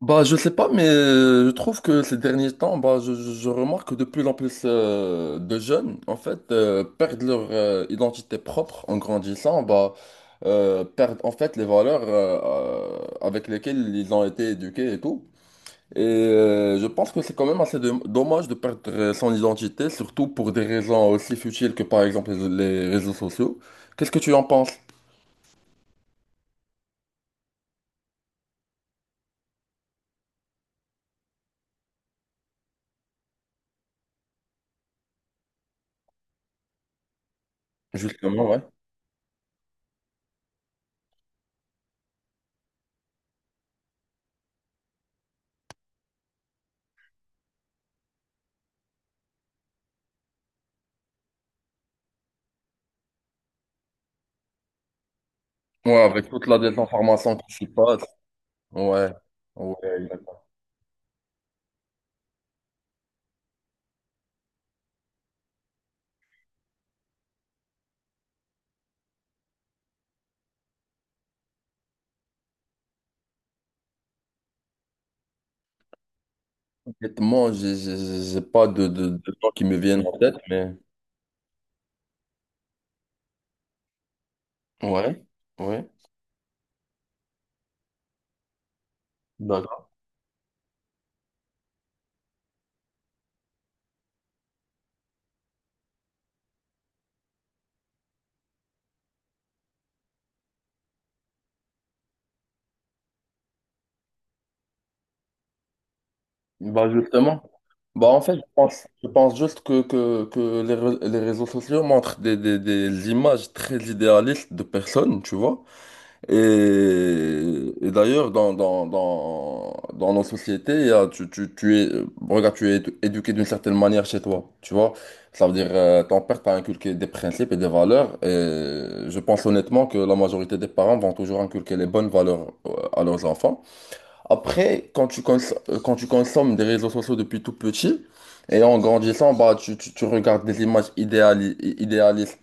Bah, je sais pas, mais je trouve que ces derniers temps, bah, je remarque que de plus en plus de jeunes, en fait, perdent leur identité propre en grandissant, bah, perdent en fait les valeurs avec lesquelles ils ont été éduqués et tout. Et je pense que c'est quand même assez dommage de perdre son identité, surtout pour des raisons aussi futiles que par exemple les réseaux sociaux. Qu'est-ce que tu en penses? Justement, ouais. Ouais, avec toute la désinformation qui s'y passe. Ouais. Ouais. Honnêtement, j'ai pas de gens qui me viennent en tête, mais ouais, ouais. D'accord. Bah justement. Bah en fait, je pense juste que les réseaux sociaux montrent des images très idéalistes de personnes, tu vois. Et d'ailleurs, dans nos sociétés, tu es éduqué d'une certaine manière chez toi, tu vois. Ça veut dire, ton père t'a inculqué des principes et des valeurs, et je pense honnêtement que la majorité des parents vont toujours inculquer les bonnes valeurs à leurs enfants. Après, quand tu consommes des réseaux sociaux depuis tout petit, et en grandissant, bah, tu regardes des images idéalistes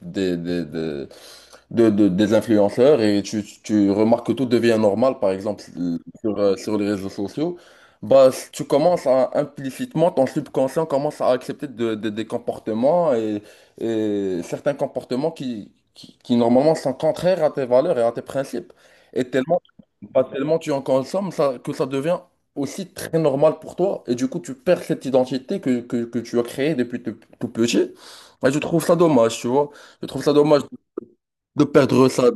des influenceurs et tu remarques que tout devient normal, par exemple sur les réseaux sociaux, bah, tu commences à implicitement, ton subconscient commence à accepter des comportements et certains comportements qui normalement sont contraires à tes valeurs et à tes principes. Et tellement, bah, tellement tu en consommes ça, que ça devient aussi très normal pour toi. Et du coup, tu perds cette identité que tu as créée depuis tout tout petit. Moi, je trouve ça dommage, tu vois. Je trouve ça dommage de perdre ça.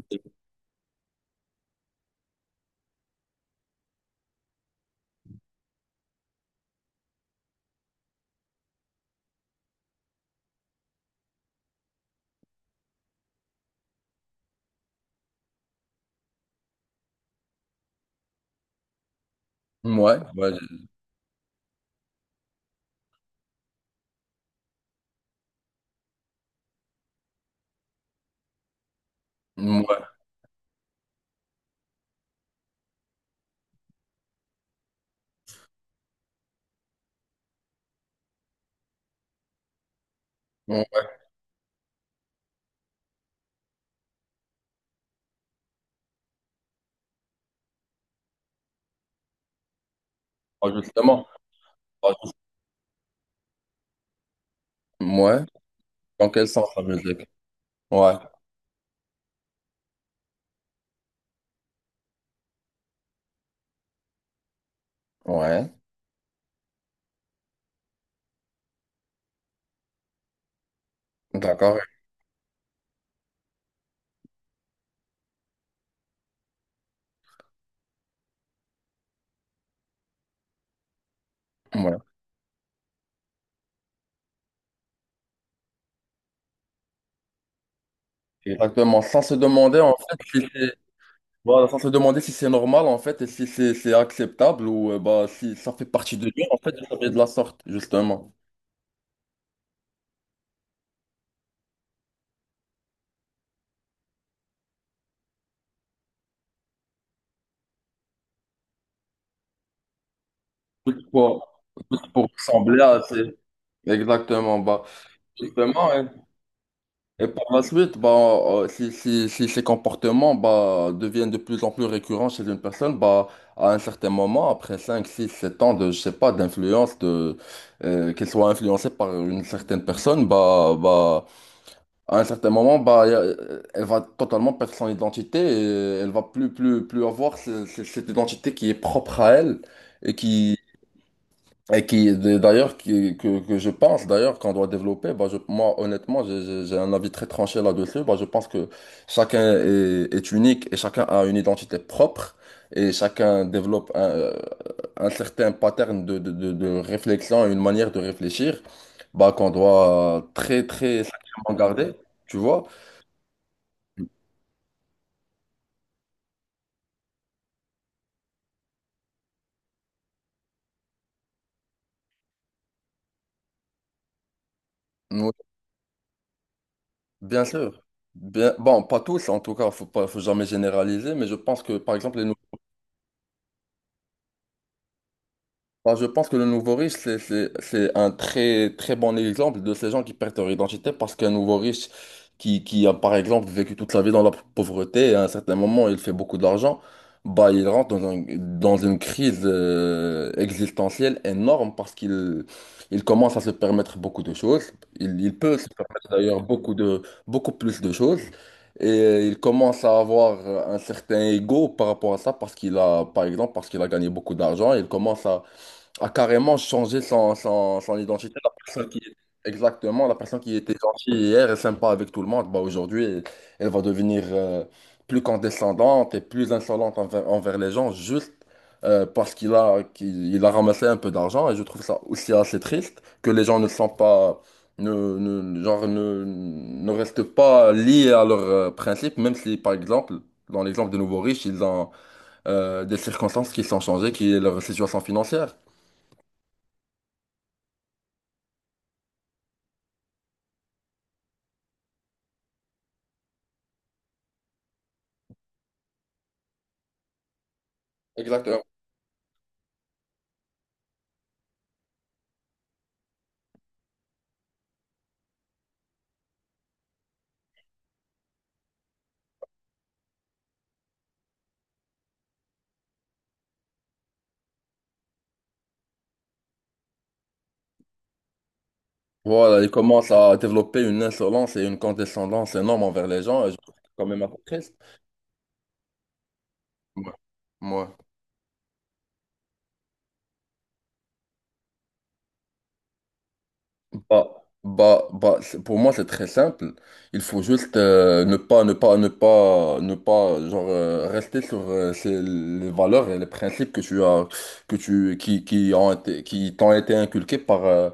Ouais, ouais, ouais, ouais, ouais. Ah, justement, ouais, ouais, dans quel sens la musique? Ouais, ouais, d'accord, ouais. Exactement, sans se demander en fait si c'est, voilà, sans se demander si c'est normal en fait et si c'est acceptable ou bah si ça fait partie de lui en fait de s'habiller de la sorte, justement. Tout pour, tout pour ressembler. Exactement, bah, justement, ouais. Et par la suite, bah, si ces comportements bah, deviennent de plus en plus récurrents chez une personne, bah, à un certain moment, après 5 6 7 ans de, je sais pas, d'influence, qu'elle soit influencée par une certaine personne, bah, à un certain moment, bah, elle va totalement perdre son identité et elle va plus avoir cette identité qui est propre à elle et qui, et qui, d'ailleurs, qui, que je pense d'ailleurs qu'on doit développer, bah, moi, honnêtement, j'ai un avis très tranché là-dessus. Bah, je pense que chacun est unique et chacun a une identité propre et chacun développe un certain pattern de réflexion, une manière de réfléchir, bah, qu'on doit très, très sacrément garder, tu vois. Oui, bien sûr. Bon, pas tous, en tout cas, faut pas, faut jamais généraliser, mais je pense que, par exemple, les. Bah, je pense que le nouveau riche, c'est un très bon exemple de ces gens qui perdent leur identité parce qu'un nouveau riche qui a, par exemple, vécu toute sa vie dans la pauvreté à un certain moment, il fait beaucoup d'argent, bah, il rentre dans dans une crise existentielle énorme parce qu'il il commence à se permettre beaucoup de choses. Il peut se permettre d'ailleurs beaucoup plus de choses. Et il commence à avoir un certain ego par rapport à ça parce qu'il a gagné beaucoup d'argent. Il commence à a carrément changé son identité. Exactement, la personne qui était gentille hier et sympa avec tout le monde, bah aujourd'hui, elle va devenir plus condescendante et plus insolente envers les gens juste parce qu'il a, il a ramassé un peu d'argent. Et je trouve ça aussi assez triste que les gens ne sont pas, ne, genre, ne restent pas liés à leurs principes, même si, par exemple, dans l'exemple des nouveaux riches, ils ont des circonstances qui sont changées, qui est leur situation financière. Exactement. Voilà, il commence à développer une insolence et une condescendance énorme envers les gens, et je trouve que c'est quand même un peu triste. Ouais. Ouais. Bah, pour moi, c'est très simple. Il faut juste ne pas, genre, rester sur les valeurs et les principes que tu as, qui ont été, qui t'ont été inculqués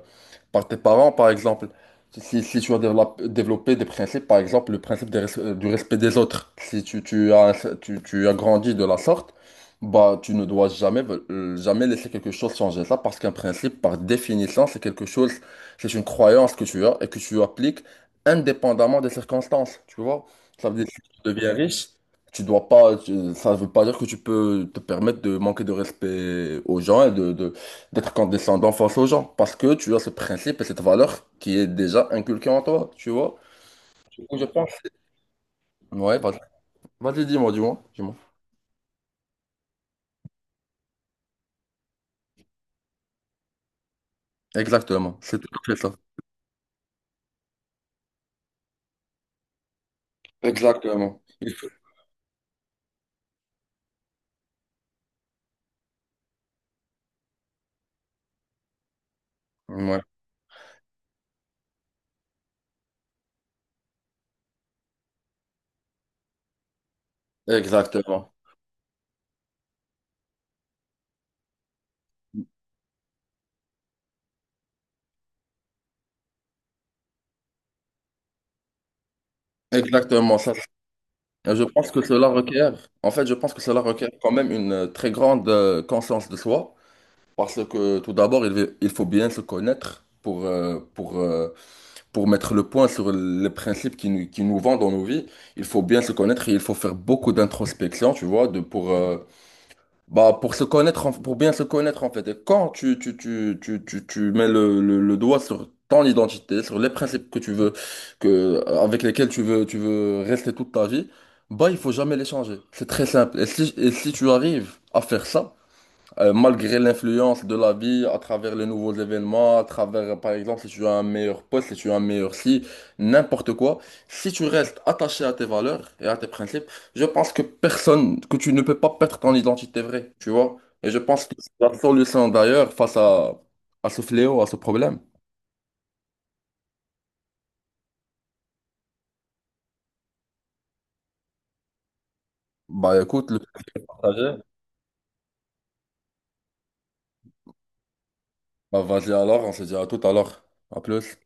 par tes parents, par exemple. Si tu as développé des principes, par exemple, le principe du respect des autres, si tu as grandi de la sorte, bah, tu ne dois jamais, jamais laisser quelque chose changer ça parce qu'un principe, par définition, c'est quelque chose. C'est une croyance que tu as et que tu appliques indépendamment des circonstances, tu vois. Ça veut dire que si tu deviens riche, tu dois pas, ça veut pas dire que tu peux te permettre de manquer de respect aux gens et d'être condescendant face aux gens, parce que tu as ce principe et cette valeur qui est déjà inculquée en toi, tu vois. Du coup, je pense. Ouais, vas-y. Vas-y, dis-moi, dis-moi, dis-moi. Exactement, c'est tout à fait ça. Exactement. Ouais, exactement. Exactement, ça. Et je pense que cela requiert, en fait, je pense que cela requiert quand même une très grande conscience de soi, parce que tout d'abord, il faut bien se connaître pour mettre le point sur les principes qui nous vendent dans nos vies. Il faut bien se connaître et il faut faire beaucoup d'introspection, tu vois, bah, pour se connaître, pour bien se connaître en fait. Et quand tu mets le doigt sur ton identité, sur les principes que tu veux, avec lesquels tu veux rester toute ta vie, bah, il faut jamais les changer. C'est très simple. Et si tu arrives à faire ça, malgré l'influence de la vie, à travers les nouveaux événements, à travers, par exemple, si tu as un meilleur poste, si tu as un meilleur si, n'importe quoi, si tu restes attaché à tes valeurs et à tes principes, je pense que personne, que tu ne peux pas perdre ton identité vraie, tu vois. Et je pense que c'est la solution d'ailleurs à ce fléau, à ce problème. Bah écoute, le partager. Bah vas-y alors, on se dit à tout à l'heure. À plus.